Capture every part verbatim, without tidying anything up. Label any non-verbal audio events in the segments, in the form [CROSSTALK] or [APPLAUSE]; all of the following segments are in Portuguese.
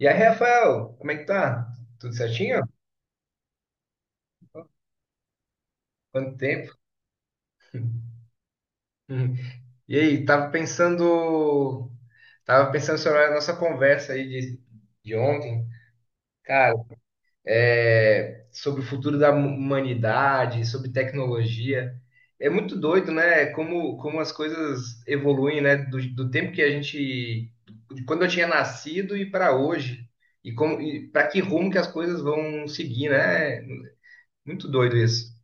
E aí, Rafael, como é que tá? Tudo certinho? Quanto tempo? Hum. E aí, tava pensando, tava pensando sobre a nossa conversa aí de, de ontem, cara, é, sobre o futuro da humanidade, sobre tecnologia. É muito doido, né? Como, como as coisas evoluem, né? Do, do tempo que a gente, de quando eu tinha nascido e para hoje, e como, e para que rumo que as coisas vão seguir, né? Muito doido isso.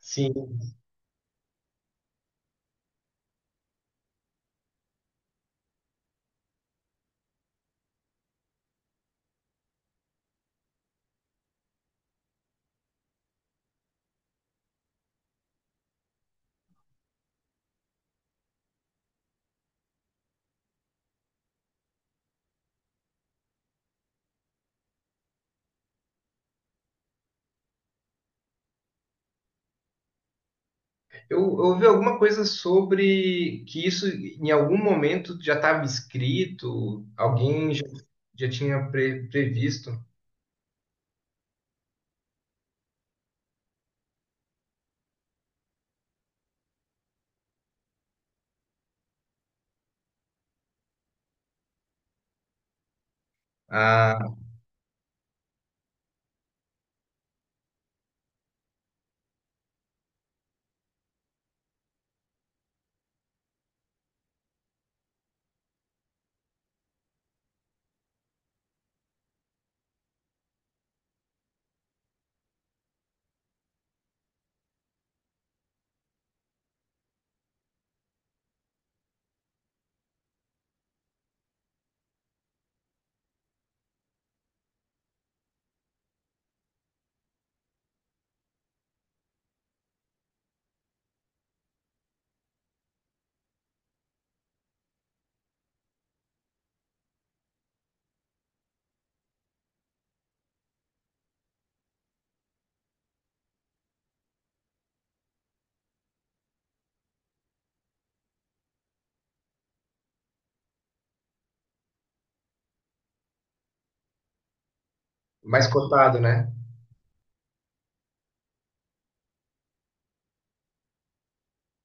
Sim. Eu eu ouvi alguma coisa sobre que isso em algum momento já estava escrito, alguém já, já tinha pre- previsto. Ah, mais cotado, né?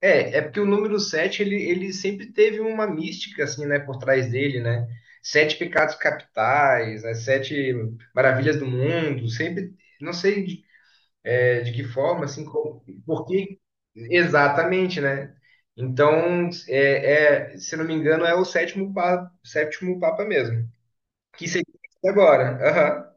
É, é porque o número sete ele, ele sempre teve uma mística, assim, né, por trás dele, né? Sete pecados capitais, né? Sete maravilhas do mundo, sempre, não sei. É, de que forma, assim, como, porque exatamente, né? Então, é, é, se não me engano, é o sétimo papa, sétimo papa mesmo, que seria esse agora. Aham.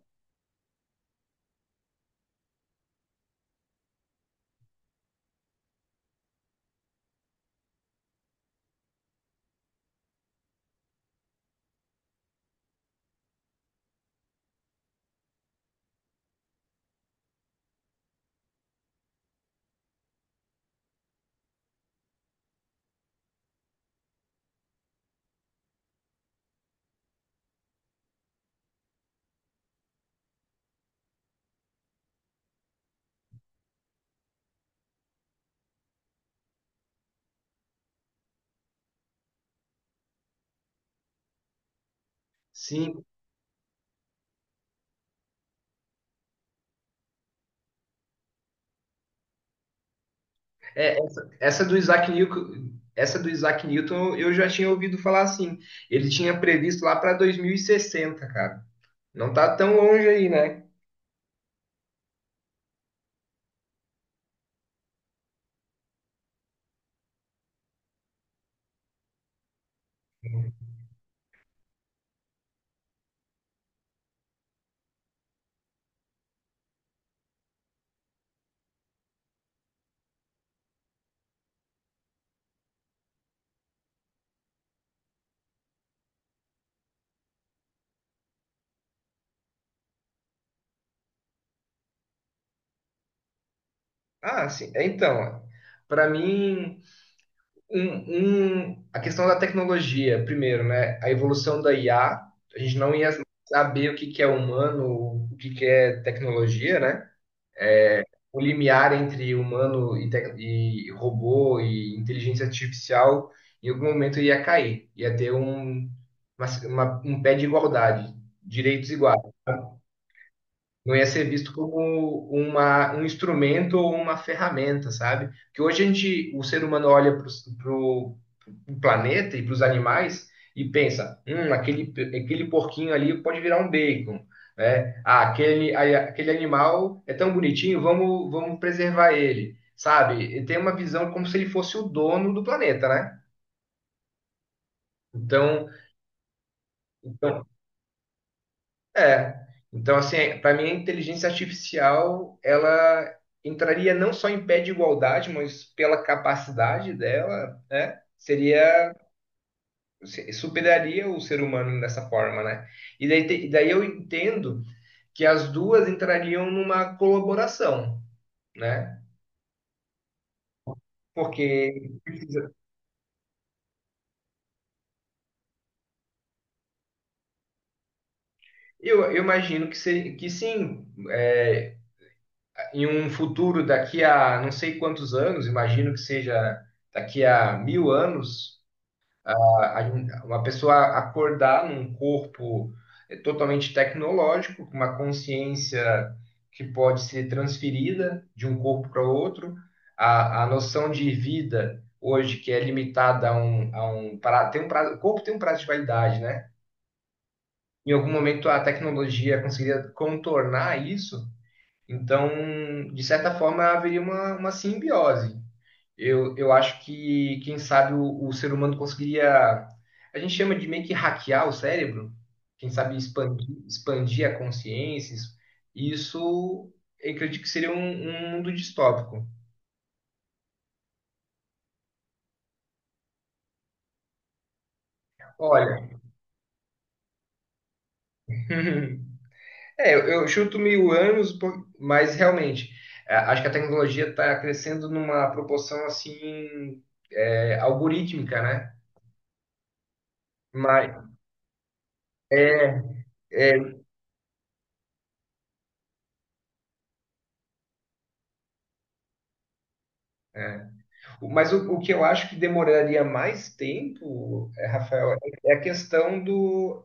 Sim. É, essa, essa do Isaac Newton, essa do Isaac Newton eu já tinha ouvido falar assim. Ele tinha previsto lá para dois mil e sessenta, cara. Não tá tão longe aí, né? Ah, sim. É, então, para mim Um, um, a questão da tecnologia, primeiro, né? A evolução da I A, a a gente não ia saber o que que é humano, o que que é tecnologia, né? É, o limiar entre humano e, tec- e robô e inteligência artificial, em algum momento ia cair, ia ter um, uma- uma- um pé de igualdade, direitos iguais. Não ia ser visto como uma, um instrumento ou uma ferramenta, sabe? Que hoje a gente, o ser humano olha para o planeta e para os animais e pensa, hum, aquele, aquele porquinho ali pode virar um bacon, né? Ah, aquele, a- aquele animal é tão bonitinho, vamos, vamos preservar ele, sabe? E tem uma visão como se ele fosse o dono do planeta, né? Então, então, É. Então, assim, para mim a inteligência artificial, ela entraria não só em pé de igualdade, mas pela capacidade dela, né? Seria, se- superaria o ser humano dessa forma, né? E daí, te- e daí eu entendo que as duas entrariam numa colaboração, né? Porque precisa- eu, eu imagino que, se, que sim, é, em um futuro daqui a não sei quantos anos, imagino que seja daqui a mil anos, a- uma pessoa acordar num corpo eh, totalmente tecnológico, com uma consciência que pode ser transferida de um corpo para outro, a, a noção de vida hoje que é limitada a um, a um prazo, tem um prazo, o corpo tem um prazo de validade, né? Em algum momento a tecnologia conseguiria contornar isso, então, de certa forma, haveria uma, uma simbiose. Eu, eu acho que, quem sabe, o, o ser humano conseguiria. A gente chama de meio que hackear o cérebro, quem sabe expandir, expandir a consciência. Isso, isso eu acredito que seria um, um mundo distópico. Olha, [LAUGHS] é, eu eu chuto mil anos, por- mas realmente, é, acho que a tecnologia está crescendo numa proporção assim, é, algorítmica, né? Mas, é, é, mas o, o que eu acho que demoraria mais tempo, eh, Rafael, é é a questão do,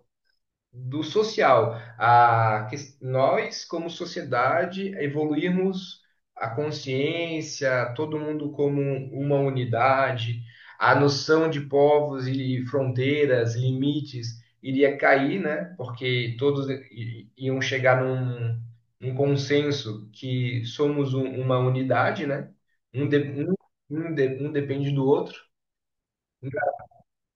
do social, a que nós, como sociedade, evoluirmos a consciência, todo mundo como uma unidade, a noção de povos e fronteiras, limites, iria cair, né? Porque todos i- iam chegar num, num consenso que somos um- uma unidade, né? Um, de- um, um de- um depende do outro.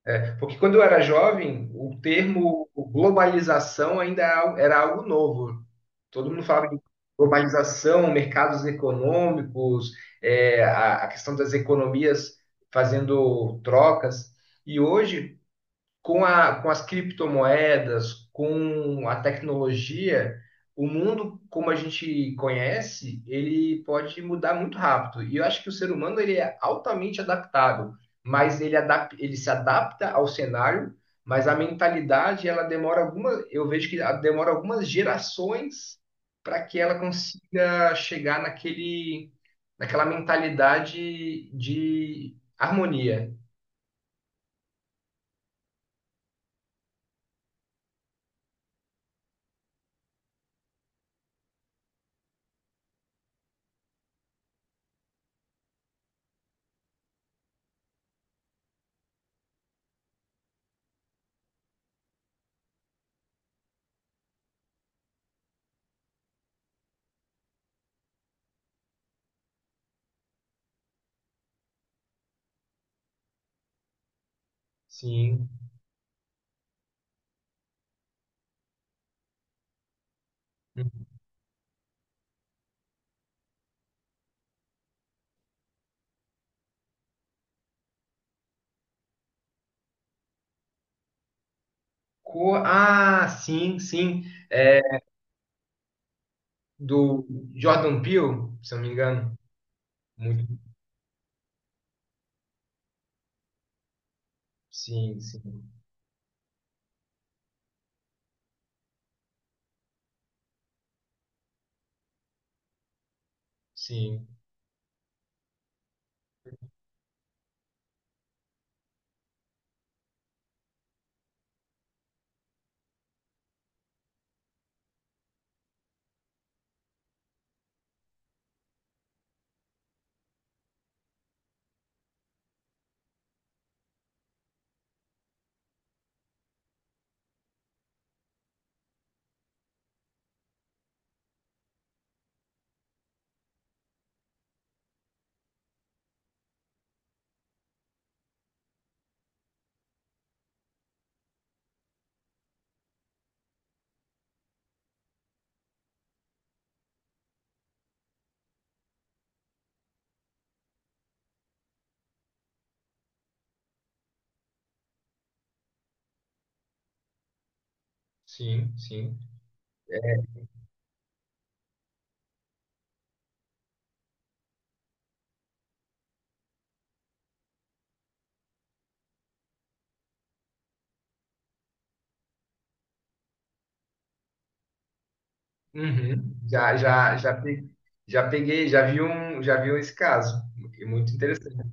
É, porque quando eu era jovem, o termo globalização ainda era algo era algo novo. Todo mundo falava de globalização, mercados econômicos, é, a, a questão das economias fazendo trocas. E hoje, com a, com as criptomoedas, com a tecnologia, o mundo como a gente conhece, ele pode mudar muito rápido. E eu acho que o ser humano ele é altamente adaptável, mas ele, adap ele se adapta ao cenário, mas a mentalidade ela demora alguma, eu vejo que ela demora algumas gerações para que ela consiga chegar naquele, naquela mentalidade de harmonia. Sim. Co- Ah, sim, sim. É do Jordan Peele, se eu não me engano. Muito. Sim, sim, sim, sim, sim. É. Uhum. Já, já, já, pe- já peguei, já vi um, já vi esse caso. É muito interessante.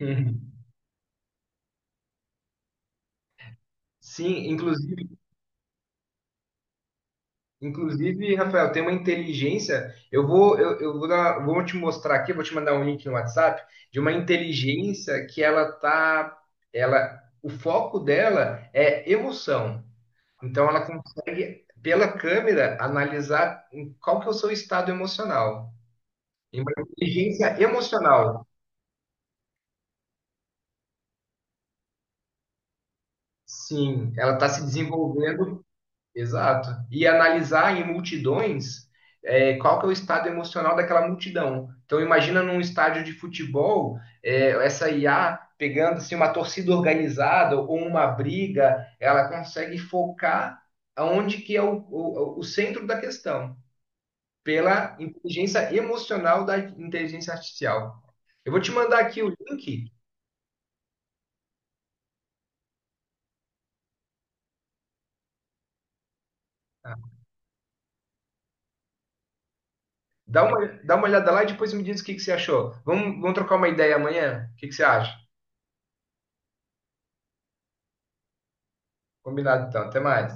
Uhum. Sim, inclusive. Inclusive, Rafael, tem uma inteligência. Eu vou, eu, eu vou dar, vou te mostrar aqui, vou te mandar um link no WhatsApp de uma inteligência que ela tá, ela, o foco dela é emoção. Então, ela consegue pela câmera analisar em qual que é o seu estado emocional. E uma inteligência emocional. Sim, ela está se desenvolvendo. Exato. E analisar em multidões é, qual que é o estado emocional daquela multidão. Então imagina num estádio de futebol, é, essa I A pegando assim, uma torcida organizada ou uma briga, ela consegue focar aonde que é o, o, o centro da questão, pela inteligência emocional da inteligência artificial. Eu vou te mandar aqui o link, tá? dá uma, dá uma olhada lá e depois me diz o que, que você achou. Vamos, vamos trocar uma ideia amanhã? O que, que você acha? Combinado então, até mais.